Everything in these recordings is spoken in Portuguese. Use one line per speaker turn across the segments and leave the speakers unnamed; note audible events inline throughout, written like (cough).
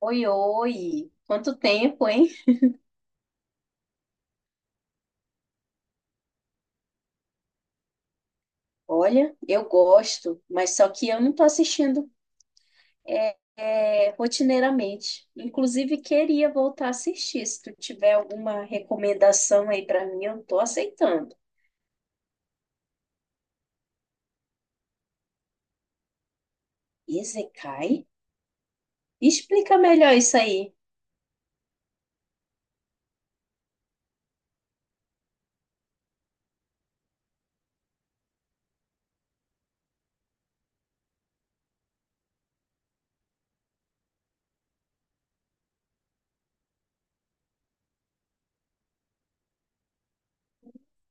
Oi, oi! Quanto tempo, hein? Olha, eu gosto, mas só que eu não tô assistindo rotineiramente. Inclusive, queria voltar a assistir. Se tu tiver alguma recomendação aí pra mim, eu tô aceitando. Isekai? Explica melhor isso aí.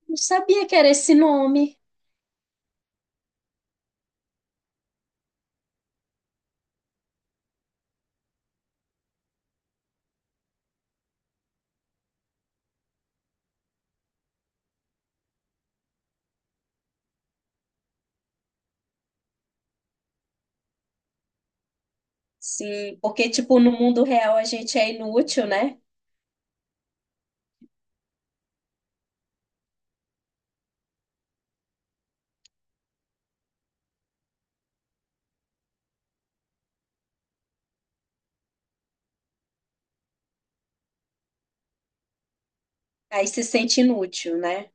Não sabia que era esse nome. Sim, porque, tipo, no mundo real a gente é inútil, né? Aí se sente inútil, né?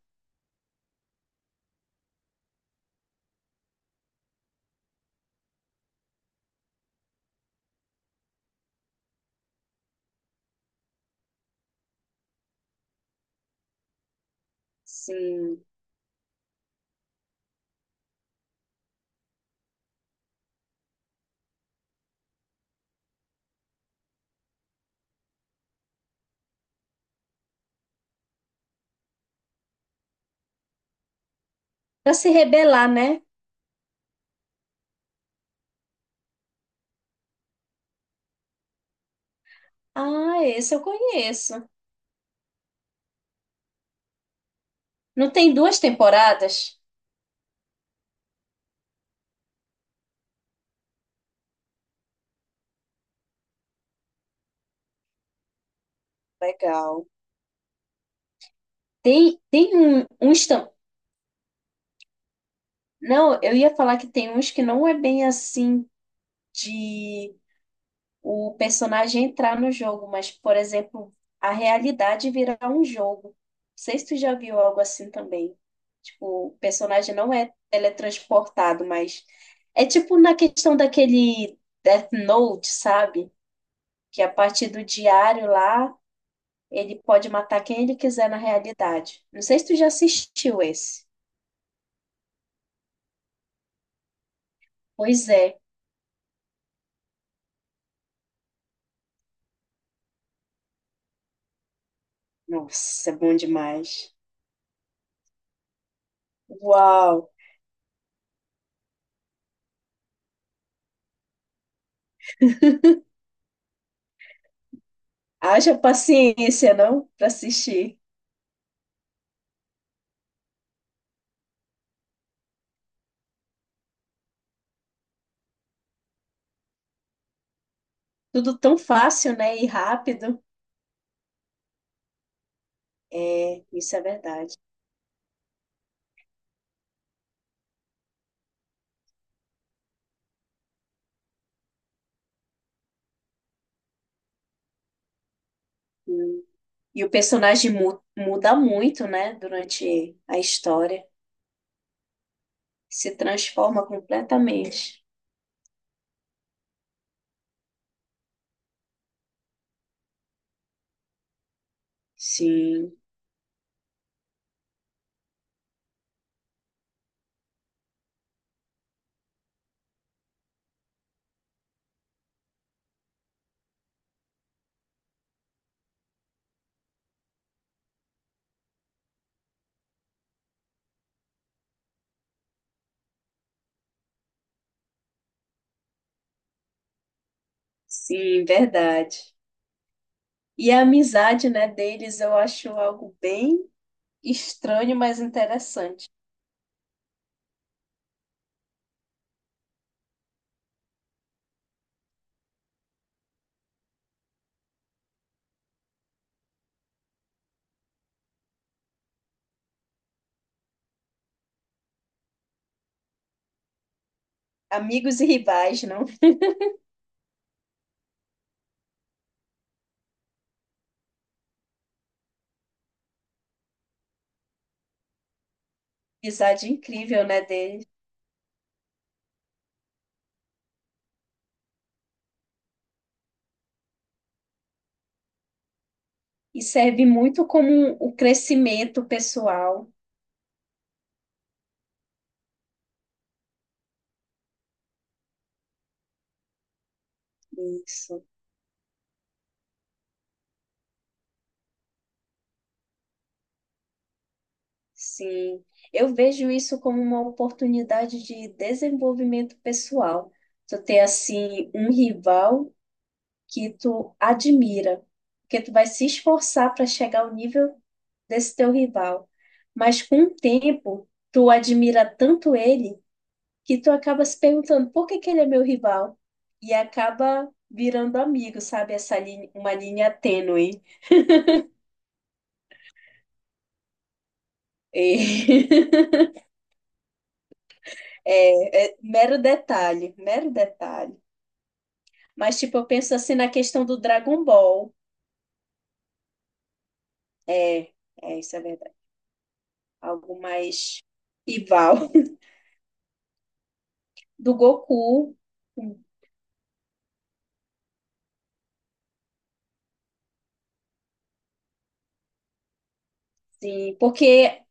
Sim. Pra se rebelar, né? Ah, esse eu conheço. Não tem duas temporadas? Legal. Tem um, uns. Tam- Não, eu ia falar que tem uns que não é bem assim de o personagem entrar no jogo, mas, por exemplo, a realidade virar um jogo. Não sei se tu já viu algo assim também. Tipo, o personagem não é teletransportado, mas é tipo na questão daquele Death Note, sabe? Que é a partir do diário lá. Ele pode matar quem ele quiser na realidade. Não sei se tu já assistiu esse. Pois é. Nossa, é bom demais. Uau! Haja paciência, não? Pra assistir. Tudo tão fácil, né? E rápido. É, isso é verdade. Hum. E o personagem mu- muda muito, né? Durante a história. Se transforma completamente. Sim, sim, verdade. E a amizade, né, deles eu acho algo bem estranho, mas interessante. Amigos e rivais, não? (laughs) Amizade incrível, né, dele. E serve muito como o crescimento pessoal. Isso, sim. Eu vejo isso como uma oportunidade de desenvolvimento pessoal. Tu ter, assim, um rival que tu admira, porque tu vai se esforçar para chegar ao nível desse teu rival. Mas com o tempo, tu admira tanto ele que tu acaba se perguntando por que que ele é meu rival e acaba virando amigo, sabe? Essa linha, uma linha tênue. E (laughs) é, é mero detalhe, mero detalhe. Mas tipo, eu penso assim na questão do Dragon Ball. É, é isso é verdade. Algo mais rival (laughs) do Goku, sim, porque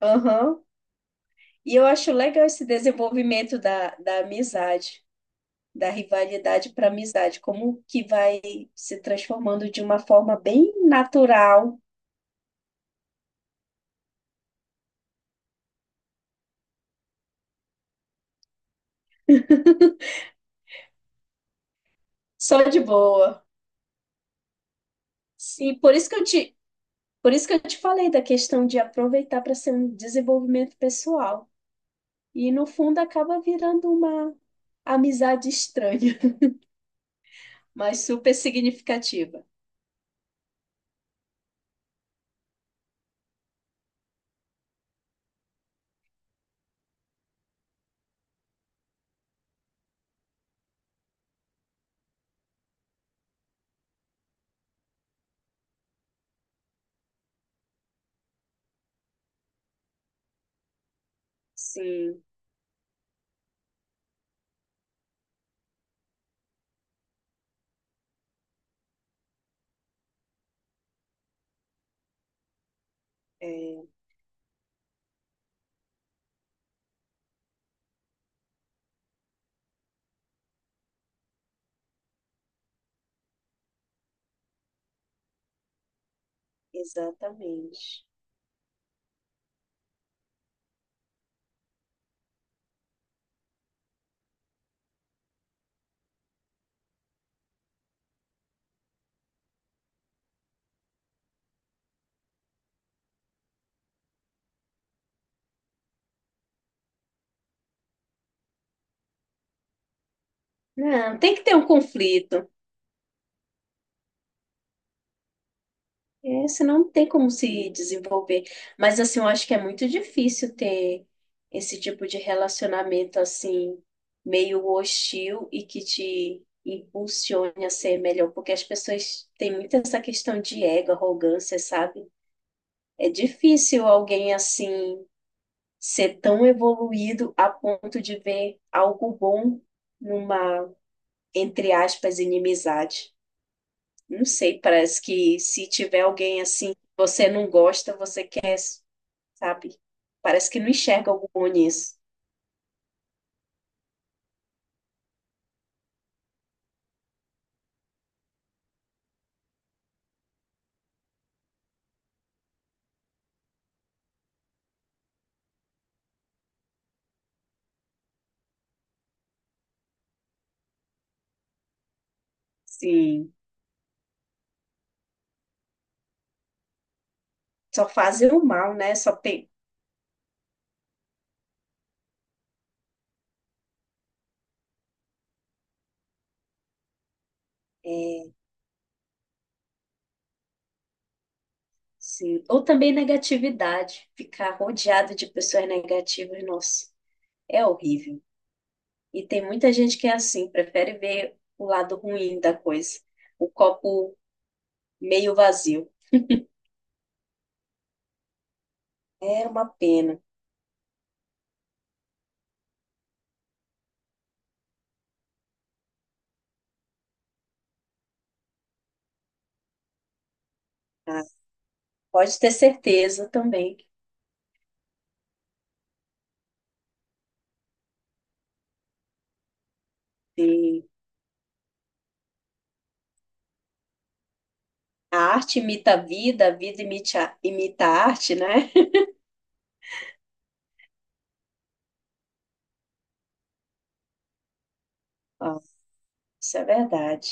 aham. E eu acho legal esse desenvolvimento da amizade. Da rivalidade para amizade, como que vai se transformando de uma forma bem natural, só de boa. Sim, por isso que eu te falei da questão de aproveitar para ser um desenvolvimento pessoal. E no fundo acaba virando uma amizade estranha, (laughs) mas super significativa. Sim, é, exatamente. Não, tem que ter um conflito. É, senão não tem como se desenvolver. Mas assim, eu acho que é muito difícil ter esse tipo de relacionamento assim, meio hostil e que te impulsione a ser melhor, porque as pessoas têm muito essa questão de ego, arrogância, sabe? É difícil alguém assim ser tão evoluído a ponto de ver algo bom numa, entre aspas, inimizade. Não sei, parece que se tiver alguém assim você não gosta, você sabe? Parece que não enxerga algo bom nisso. Sim, só fazer o mal, né? Só pe... é, sim. Ou também negatividade, ficar rodeado de pessoas negativas, nossa, é horrível. E tem muita gente que é assim, prefere ver o lado ruim da coisa, o copo meio vazio. É uma pena. Tá? Pode ter certeza também que a arte imita a vida imita a arte, né? (laughs) Ó, isso é verdade.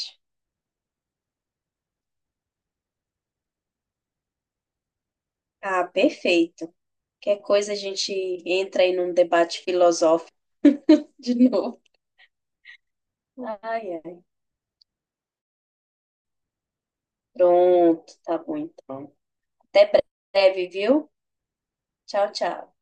Ah, perfeito. Qualquer coisa a gente entra aí num debate filosófico de novo. Ai, ai. Pronto, tá bom então. Até breve, viu? Tchau, tchau.